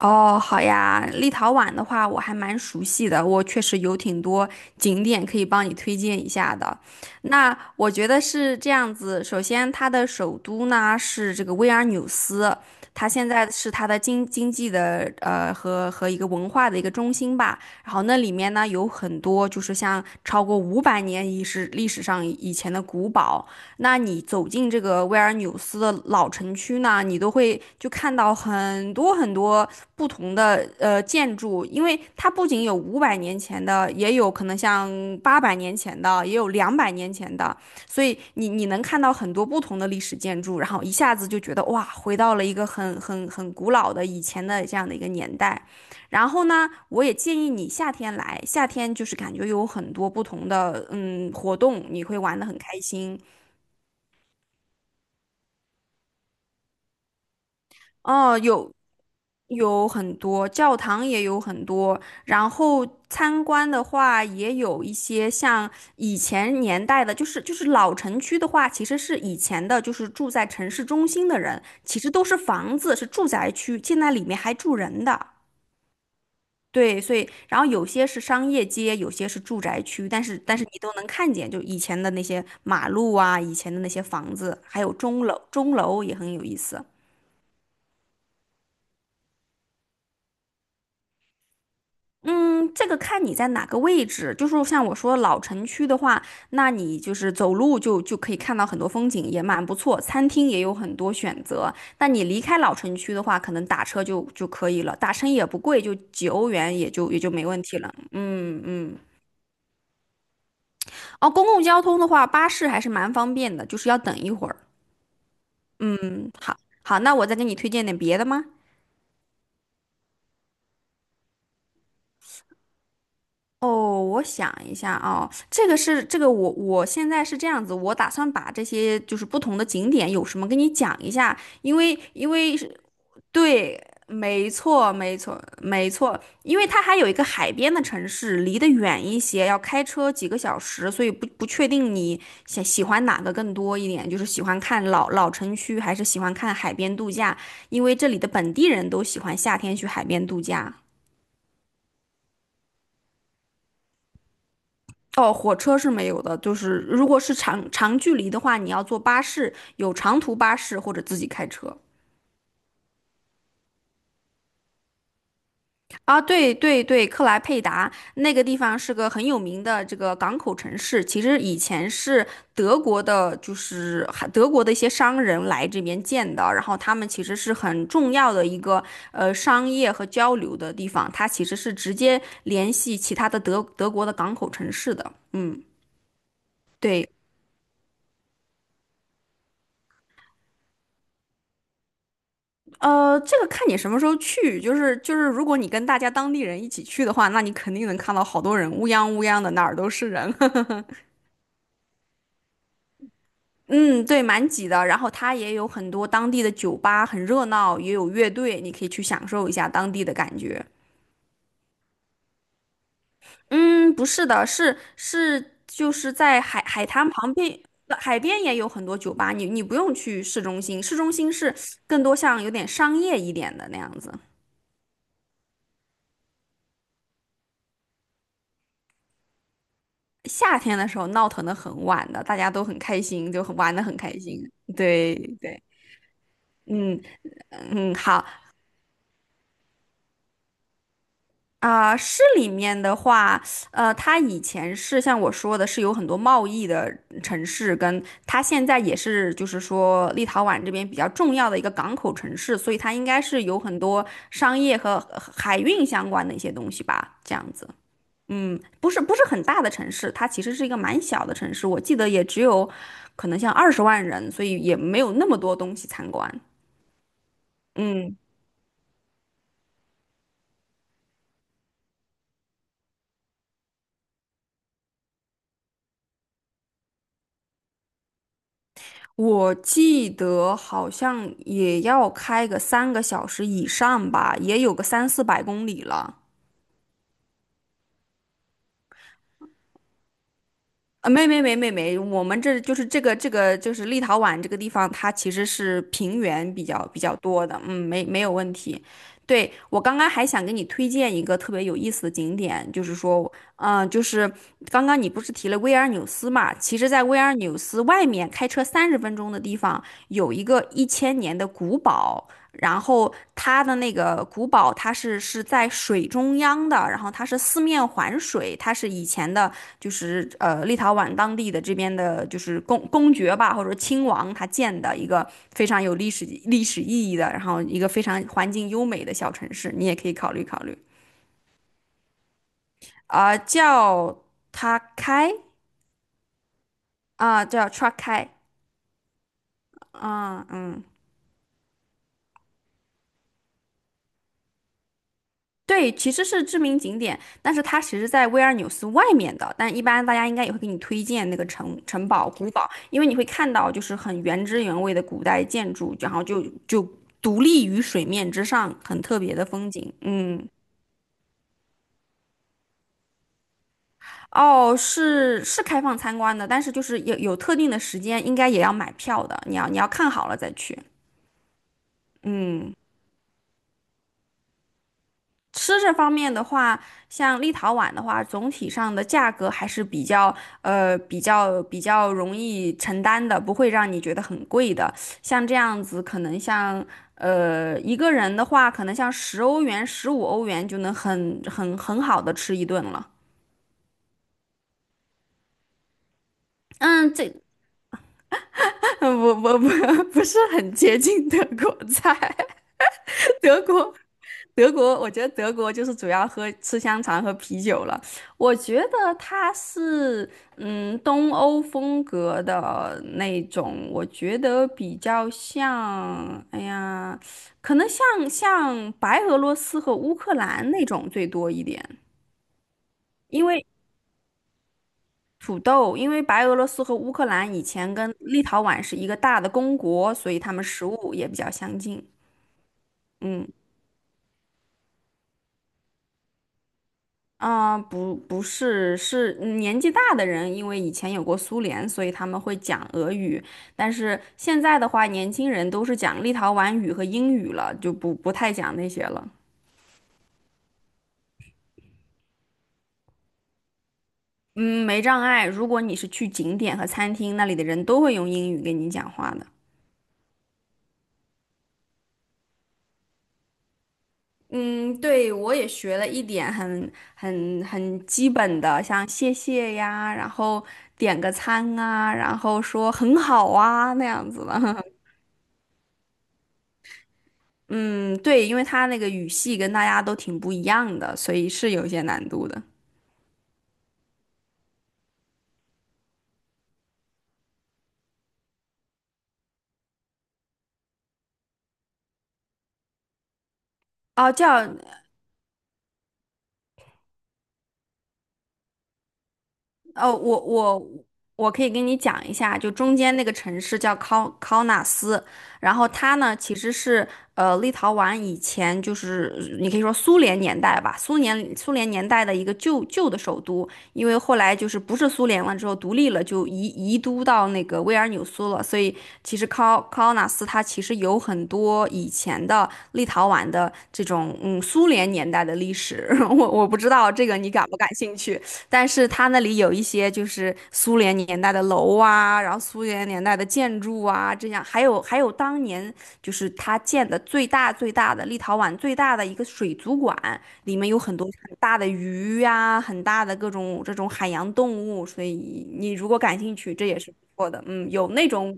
哦，好呀，立陶宛的话我还蛮熟悉的，我确实有挺多景点可以帮你推荐一下的。那我觉得是这样子，首先它的首都呢是这个维尔纽斯，它现在是它的经济的和一个文化的一个中心吧。然后那里面呢有很多就是像超过五百年以是历史上以前的古堡，那你走进这个维尔纽斯的老城区呢，你都会就看到很多很多，不同的建筑，因为它不仅有500年前的，也有可能像800年前的，也有200年前的，所以你能看到很多不同的历史建筑，然后一下子就觉得哇，回到了一个很古老的以前的这样的一个年代。然后呢，我也建议你夏天来，夏天就是感觉有很多不同的活动，你会玩得很开心。哦，有很多，教堂也有很多，然后参观的话也有一些像以前年代的，就是老城区的话，其实是以前的，就是住在城市中心的人，其实都是房子，是住宅区，现在里面还住人的。对，所以然后有些是商业街，有些是住宅区，但是你都能看见，就以前的那些马路啊，以前的那些房子，还有钟楼，钟楼也很有意思。嗯，这个看你在哪个位置，就是像我说老城区的话，那你就是走路就可以看到很多风景，也蛮不错，餐厅也有很多选择。但你离开老城区的话，可能打车就可以了，打车也不贵，就几欧元也就没问题了。嗯嗯，哦，公共交通的话，巴士还是蛮方便的，就是要等一会儿。嗯，好，好，那我再给你推荐点别的吗？哦，我想一下啊，这个是这个我现在是这样子，我打算把这些就是不同的景点有什么跟你讲一下，因为是对，没错没错没错，因为它还有一个海边的城市，离得远一些，要开车几个小时，所以不确定你想喜欢哪个更多一点，就是喜欢看老城区还是喜欢看海边度假，因为这里的本地人都喜欢夏天去海边度假。哦，火车是没有的，就是如果是长距离的话，你要坐巴士，有长途巴士或者自己开车。啊，对对对，克莱佩达那个地方是个很有名的这个港口城市，其实以前是德国的，就是还德国的一些商人来这边建的，然后他们其实是很重要的一个商业和交流的地方，它其实是直接联系其他的德国的港口城市的，嗯。对，这个看你什么时候去，就是，如果你跟大家当地人一起去的话，那你肯定能看到好多人，乌泱乌泱的，哪儿都是人。嗯，对，蛮挤的。然后它也有很多当地的酒吧，很热闹，也有乐队，你可以去享受一下当地的感觉。嗯，不是的，是，就是在海滩旁边，海边也有很多酒吧，你不用去市中心，市中心是更多像有点商业一点的那样子。夏天的时候闹腾的很晚的，大家都很开心，就很玩的很开心。对对，嗯嗯，市里面的话，它以前是像我说的，是有很多贸易的城市，跟它现在也是，就是说立陶宛这边比较重要的一个港口城市，所以它应该是有很多商业和海运相关的一些东西吧，这样子。嗯，不是很大的城市，它其实是一个蛮小的城市，我记得也只有可能像20万人，所以也没有那么多东西参观。嗯，我记得好像也要开个3个小时以上吧，也有个三四百公里了。啊，没没没没没，我们这就是这个就是立陶宛这个地方，它其实是平原比较多的，嗯，没有问题。对，我刚刚还想给你推荐一个特别有意思的景点，就是说，就是刚刚你不是提了维尔纽斯嘛？其实，在维尔纽斯外面开车30分钟的地方，有一个1000年的古堡，然后它的那个古堡，它是在水中央的，然后它是四面环水，它是以前的。就是立陶宛当地的这边的，就是公爵吧，或者说亲王他建的一个非常有历史意义的，然后一个非常环境优美的小城市，你也可以考虑考虑叫塔开叫 Traka 啊，嗯，对，其实是知名景点，但是它其实在威尔纽斯外面的。但一般大家应该也会给你推荐那个城堡、古堡，因为你会看到就是很原汁原味的古代建筑，然后就独立于水面之上，很特别的风景。嗯，哦，是开放参观的，但是就是有特定的时间，应该也要买票的。你要看好了再去。嗯。吃这方面的话，像立陶宛的话，总体上的价格还是比较比较容易承担的，不会让你觉得很贵的。像这样子，可能像一个人的话，可能像10欧元、15欧元就能很好的吃一顿了。嗯，这 我不 不是很接近德国菜，德国德国，我觉得德国就是主要喝吃香肠和啤酒了。我觉得它是东欧风格的那种，我觉得比较像，哎呀，可能像白俄罗斯和乌克兰那种最多一点，因为土豆，因为白俄罗斯和乌克兰以前跟立陶宛是一个大的公国，所以他们食物也比较相近。嗯。不，不是，是年纪大的人，因为以前有过苏联，所以他们会讲俄语。但是现在的话，年轻人都是讲立陶宛语和英语了，就不太讲那些了。嗯，没障碍。如果你是去景点和餐厅，那里的人都会用英语跟你讲话的。嗯，对，我也学了一点很基本的，像谢谢呀，然后点个餐啊，然后说很好啊那样子的。嗯，对，因为他那个语系跟大家都挺不一样的，所以是有一些难度的。哦，叫哦，我可以跟你讲一下，就中间那个城市叫考纳斯，然后它呢其实是立陶宛以前就是你可以说苏联年代吧，苏联年代的一个旧的首都，因为后来就是不是苏联了之后独立了，就移都到那个维尔纽苏了，所以其实考纳斯它其实有很多以前的立陶宛的这种苏联年代的历史，我不知道这个你感不感兴趣。但是它那里有一些就是苏联年代的楼啊，然后苏联年代的建筑啊，这样还有当年就是它建的最大的立陶宛最大的一个水族馆，里面有很多很大的鱼呀、很大的各种这种海洋动物，所以你如果感兴趣，这也是不错的。嗯，有那种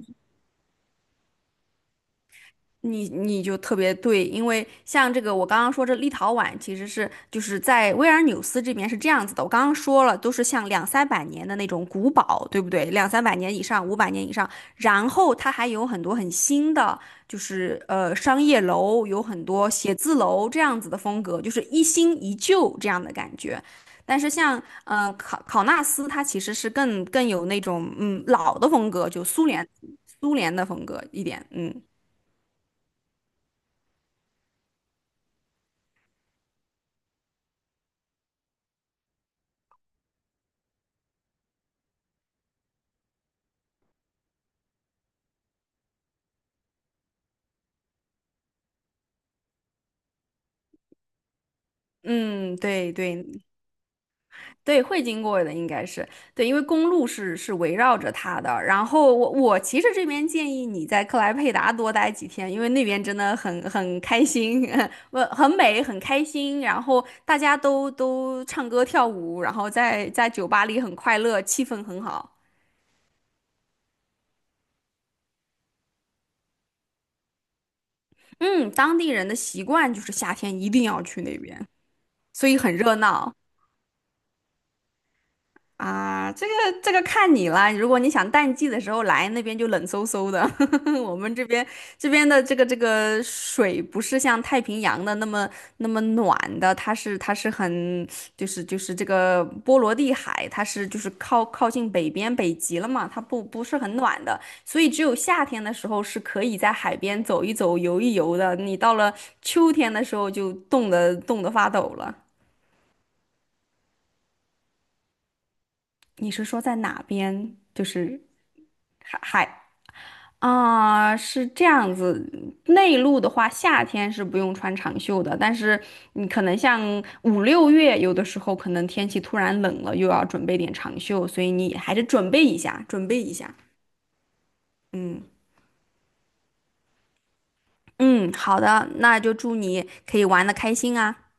你就特别对，因为像这个我刚刚说这立陶宛其实是就是在维尔纽斯这边是这样子的，我刚刚说了都是像两三百年的那种古堡，对不对？两三百年以上，500年以上，然后它还有很多很新的，就是商业楼，有很多写字楼这样子的风格，就是一新一旧这样的感觉。但是像考纳斯，它其实是更有那种老的风格，就苏联的风格一点，嗯。嗯，对对对，会经过的应该是对，因为公路是围绕着它的。然后我其实这边建议你在克莱佩达多待几天，因为那边真的很开心，呃，很美，很开心。然后大家都唱歌跳舞，然后在酒吧里很快乐，气氛很好。嗯，当地人的习惯就是夏天一定要去那边，所以很热闹。啊，这个这个看你啦。如果你想淡季的时候来，那边就冷飕飕的。我们这边的这个水不是像太平洋的那么暖的，它是很就是这个波罗的海，它是就是靠近北边北极了嘛，它不是很暖的，所以只有夏天的时候是可以在海边走一走、游一游的。你到了秋天的时候就冻得发抖了。你是说在哪边？就是海啊，是这样子。内陆的话，夏天是不用穿长袖的，但是你可能像五六月，有的时候可能天气突然冷了，又要准备点长袖，所以你还是准备一下，准备一下。嗯嗯，好的，那就祝你可以玩的开心啊。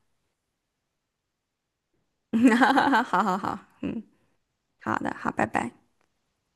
好好好，嗯，好的，好，拜拜。